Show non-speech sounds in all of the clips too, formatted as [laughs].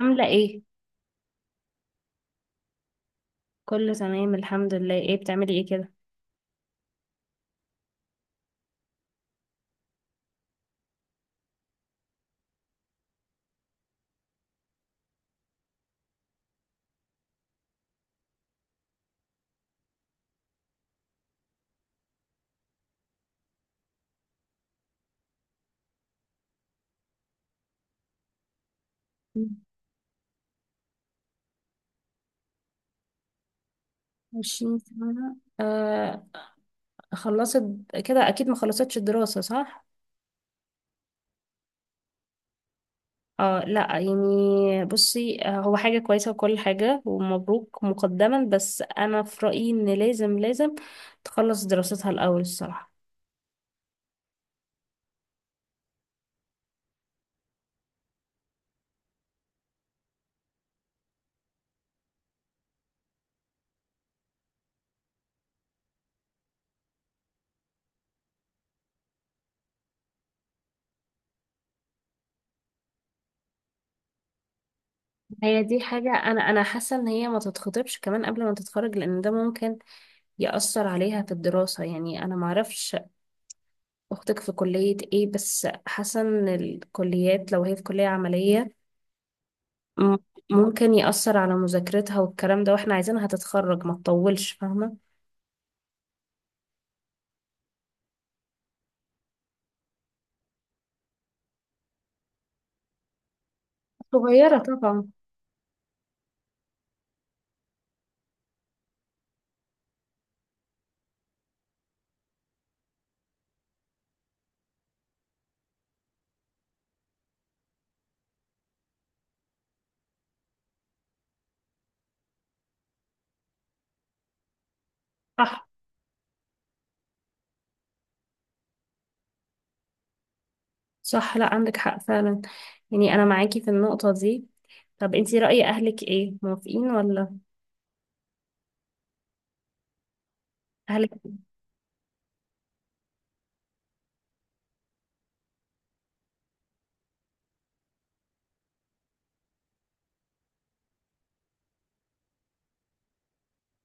عاملة ايه؟ كله تمام الحمد لله. ايه بتعملي ايه كده؟ مم. 20 سنة، آه. خلصت كده، اكيد ما خلصتش الدراسة صح؟ اه، لا يعني بصي، هو حاجة كويسة وكل حاجة، ومبروك مقدما. بس انا في رأيي ان لازم لازم تخلص دراستها الاول الصراحة. هي دي حاجة، انا حاسة ان هي ما تتخطبش كمان قبل ما تتخرج، لان ده ممكن يأثر عليها في الدراسة. يعني انا معرفش أختك في كلية إيه، بس حاسة إن الكليات لو هي في كلية عملية م- ممكن يأثر على مذاكرتها والكلام ده، وإحنا عايزينها تتخرج ما تطولش، فاهمة؟ صغيرة طبعا. صح صح، لا عندك حق فعلا، يعني أنا معاكي في النقطة دي. طب أنتي رأي أهلك إيه، موافقين ولا؟ أهلك؟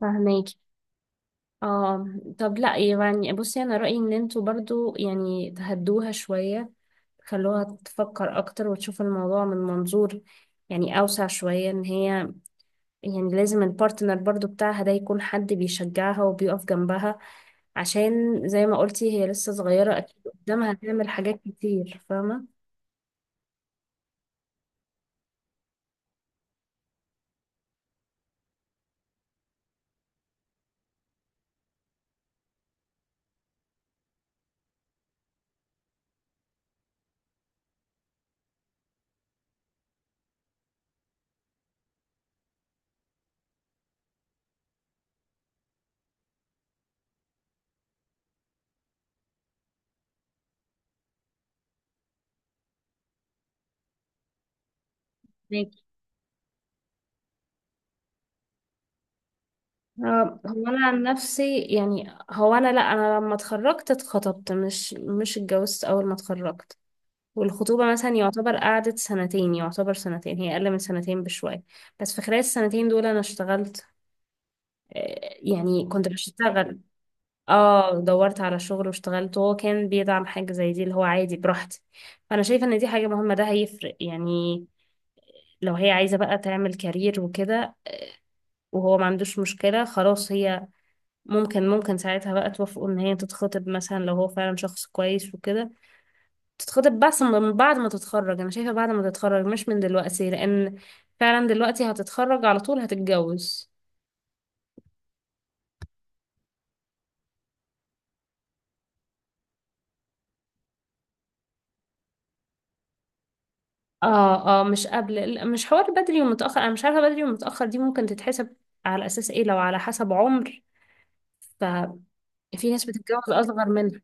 فاهماكي. اه. طب لا، يعني بصي، أنا رأيي إن انتوا برضو يعني تهدوها شوية، خلوها تفكر أكتر وتشوف الموضوع من منظور يعني أوسع شوية. إن هي، يعني لازم البارتنر برضو بتاعها ده يكون حد بيشجعها وبيقف جنبها، عشان زي ما قلتي هي لسه صغيرة، أكيد قدامها هتعمل حاجات كتير، فاهمة؟ ماكي. هو أنا عن نفسي، يعني هو أنا لأ، أنا لما اتخرجت اتخطبت، مش اتجوزت أول ما اتخرجت. والخطوبة مثلا يعتبر قعدت سنتين، يعتبر سنتين، هي أقل من سنتين بشوية. بس في خلال السنتين دول أنا اشتغلت. يعني كنت بشتغل. اه، دورت على شغل واشتغلت، وهو كان بيدعم حاجة زي دي، اللي هو عادي براحتي. فأنا شايفة إن دي حاجة مهمة، ده هيفرق يعني. لو هي عايزة بقى تعمل كارير وكده، وهو ما عندوش مشكلة، خلاص هي ممكن ساعتها بقى توافقوا إن هي تتخطب مثلا، لو هو فعلا شخص كويس وكده تتخطب. بس من بعد ما تتخرج، أنا شايفة بعد ما تتخرج مش من دلوقتي، لأن فعلا دلوقتي هتتخرج على طول هتتجوز. اه اه، مش قبل، لا، مش حوار بدري ومتأخر، انا مش عارفة بدري ومتأخر دي ممكن تتحسب على اساس ايه، لو على حسب عمر ففي ناس بتتجوز اصغر منها.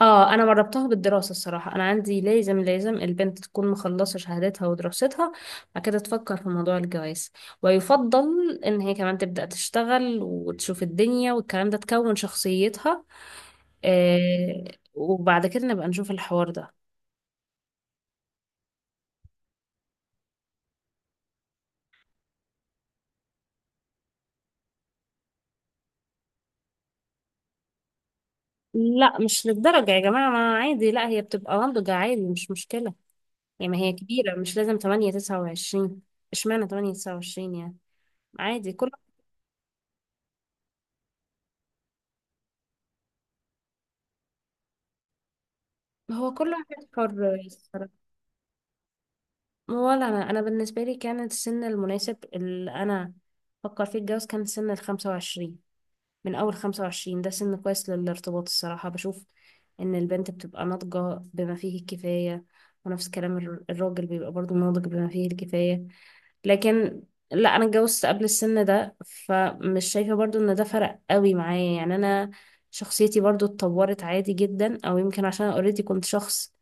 اه انا مربطها بالدراسة الصراحة، انا عندي لازم لازم البنت تكون مخلصة شهادتها ودراستها، بعد كده تفكر في موضوع الجواز. ويفضل ان هي كمان تبدأ تشتغل وتشوف الدنيا والكلام ده، تكون شخصيتها. آه. وبعد كده نبقى نشوف الحوار ده. لا مش للدرجة يا جماعة، ما عادي، لا هي بتبقى ناضجة عادي، مش مشكلة. يعني ما هي كبيرة، مش لازم تمانية تسعة وعشرين، اشمعنى تمانية تسعة وعشرين يعني؟ عادي كل هو كل واحد حر الصراحة. ولا أنا بالنسبة لي كان السن المناسب اللي أنا فكر فيه الجواز كان سن 25. من أول 25 ده سن كويس للارتباط الصراحة، بشوف إن البنت بتبقى ناضجة بما فيه الكفاية، ونفس كلام الراجل بيبقى برضه ناضج بما فيه الكفاية. لكن لا انا اتجوزت قبل السن ده، فمش شايفة برضو ان ده فرق قوي معايا، يعني انا شخصيتي برضو اتطورت عادي جدا، او يمكن عشان اوريدي كنت شخص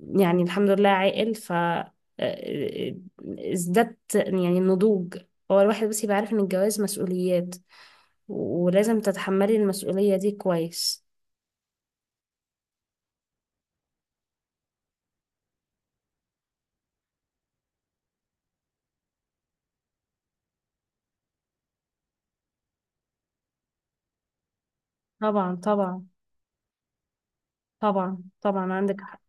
يعني الحمد لله عاقل. ف آه، ازددت يعني النضوج. هو الواحد بس يبقى عارف ان الجواز مسؤوليات، ولازم تتحملي المسؤولية دي كويس. طبعا طبعا. طبعا طبعا عندك حق.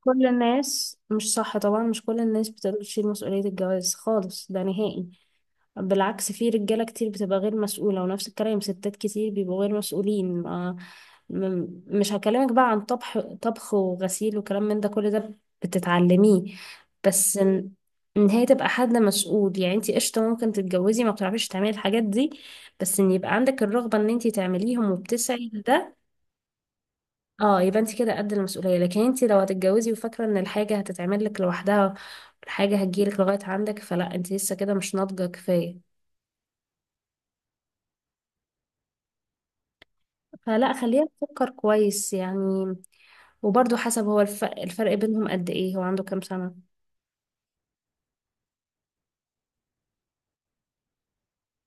كل الناس مش صح، طبعا مش كل الناس بتقدر تشيل مسؤولية الجواز خالص، ده نهائي، بالعكس في رجالة كتير بتبقى غير مسؤولة، ونفس الكلام ستات كتير بيبقوا غير مسؤولين. ما مش هكلمك بقى عن طبخ طبخ وغسيل وكلام من ده، كل ده بتتعلميه. بس إن هي تبقى حد مسؤول، يعني انتي قشطة ممكن تتجوزي ما بتعرفيش تعملي الحاجات دي، بس ان يبقى عندك الرغبة ان انتي تعمليهم وبتسعي لده. اه يبقى انتي كده قد المسؤولية، لكن انتي لو هتتجوزي وفاكرة ان الحاجة هتتعمل لك لوحدها، الحاجة هتجيلك لغاية عندك، فلا انتي لسه كده مش ناضجة كفاية. فلا خلينا نفكر كويس يعني. وبرضه حسب هو الفرق بينهم قد ايه، هو عنده كام سنة؟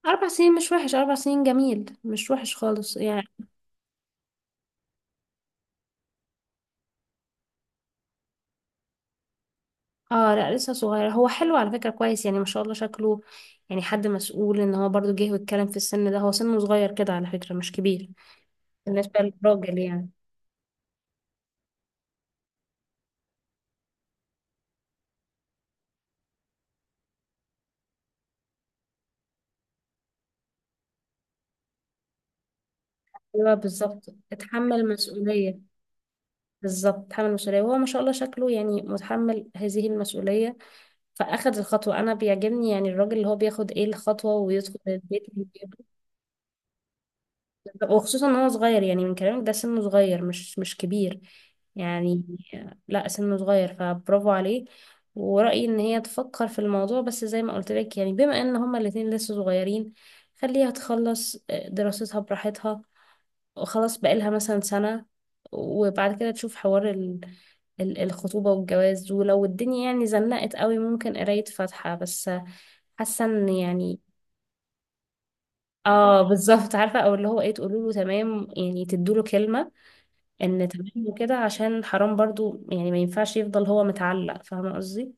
4 سنين مش وحش، 4 سنين جميل، مش وحش خالص يعني. اه لا لسه صغير، هو حلو على فكرة، كويس يعني ما شاء الله شكله، يعني حد مسؤول ان هو برضه جه واتكلم في السن ده. هو سنه صغير كده على فكرة، مش كبير بالنسبة للراجل يعني. ايوه بالظبط، اتحمل مسؤولية. بالظبط اتحمل مسؤولية، وهو ما شاء الله شكله يعني متحمل هذه المسؤولية، فاخد الخطوه. انا بيعجبني يعني الراجل اللي هو بياخد ايه الخطوه ويدخل البيت، وخصوصا ان هو صغير يعني، من كلامك ده سنه صغير، مش كبير يعني. لا سنه صغير، فبرافو عليه. ورأيي ان هي تفكر في الموضوع، بس زي ما قلت لك يعني، بما ان هما الاتنين لسه صغيرين، خليها تخلص دراستها براحتها، خلاص بقالها مثلا سنة، وبعد كده تشوف حوار الخطوبة والجواز، ولو الدنيا يعني زنقت قوي ممكن قراية فاتحة بس، حاسة ان يعني، اه بالظبط عارفة، او اللي هو ايه تقولوا له تمام يعني، تدوا له كلمة ان تمام وكده، عشان حرام برضو يعني، ما ينفعش يفضل هو متعلق، فاهمة قصدي؟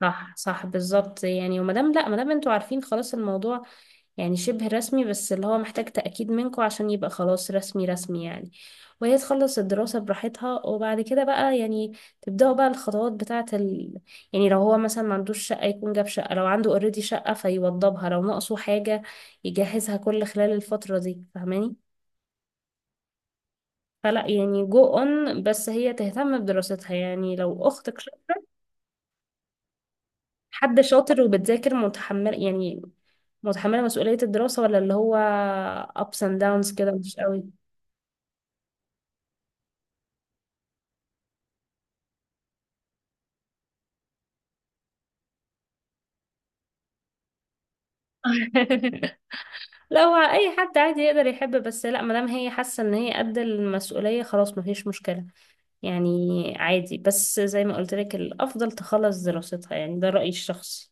صح صح بالظبط يعني. ومادام لا، مادام انتوا عارفين خلاص الموضوع، يعني شبه رسمي، بس اللي هو محتاج تأكيد منكم عشان يبقى خلاص رسمي رسمي يعني. وهي تخلص الدراسة براحتها، وبعد كده بقى يعني تبدأوا بقى الخطوات بتاعة يعني لو هو مثلا ما عندوش شقة يكون جاب شقة، لو عنده اوريدي شقة فيوضبها، لو ناقصه حاجة يجهزها، كل خلال الفترة دي، فاهماني؟ فلا يعني جو اون، بس هي تهتم بدراستها. يعني لو أختك شاطرة، حد شاطر وبتذاكر متحمل يعني، متحملة مسؤولية الدراسة، ولا اللي هو ups and downs كده مش قوي. [laughs] لا هو اي حد عادي يقدر يحب، بس لا ما دام هي حاسه ان هي قد المسؤوليه خلاص ما فيش مشكله يعني. عادي بس زي ما قلت لك، الافضل تخلص دراستها، يعني ده رايي الشخصي،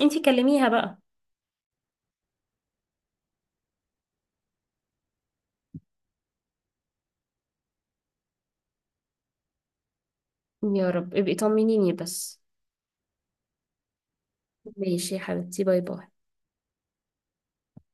انتي كلميها بقى. يا رب، ابقي طمنيني بس. ماشي يا حبيبتي، باي باي.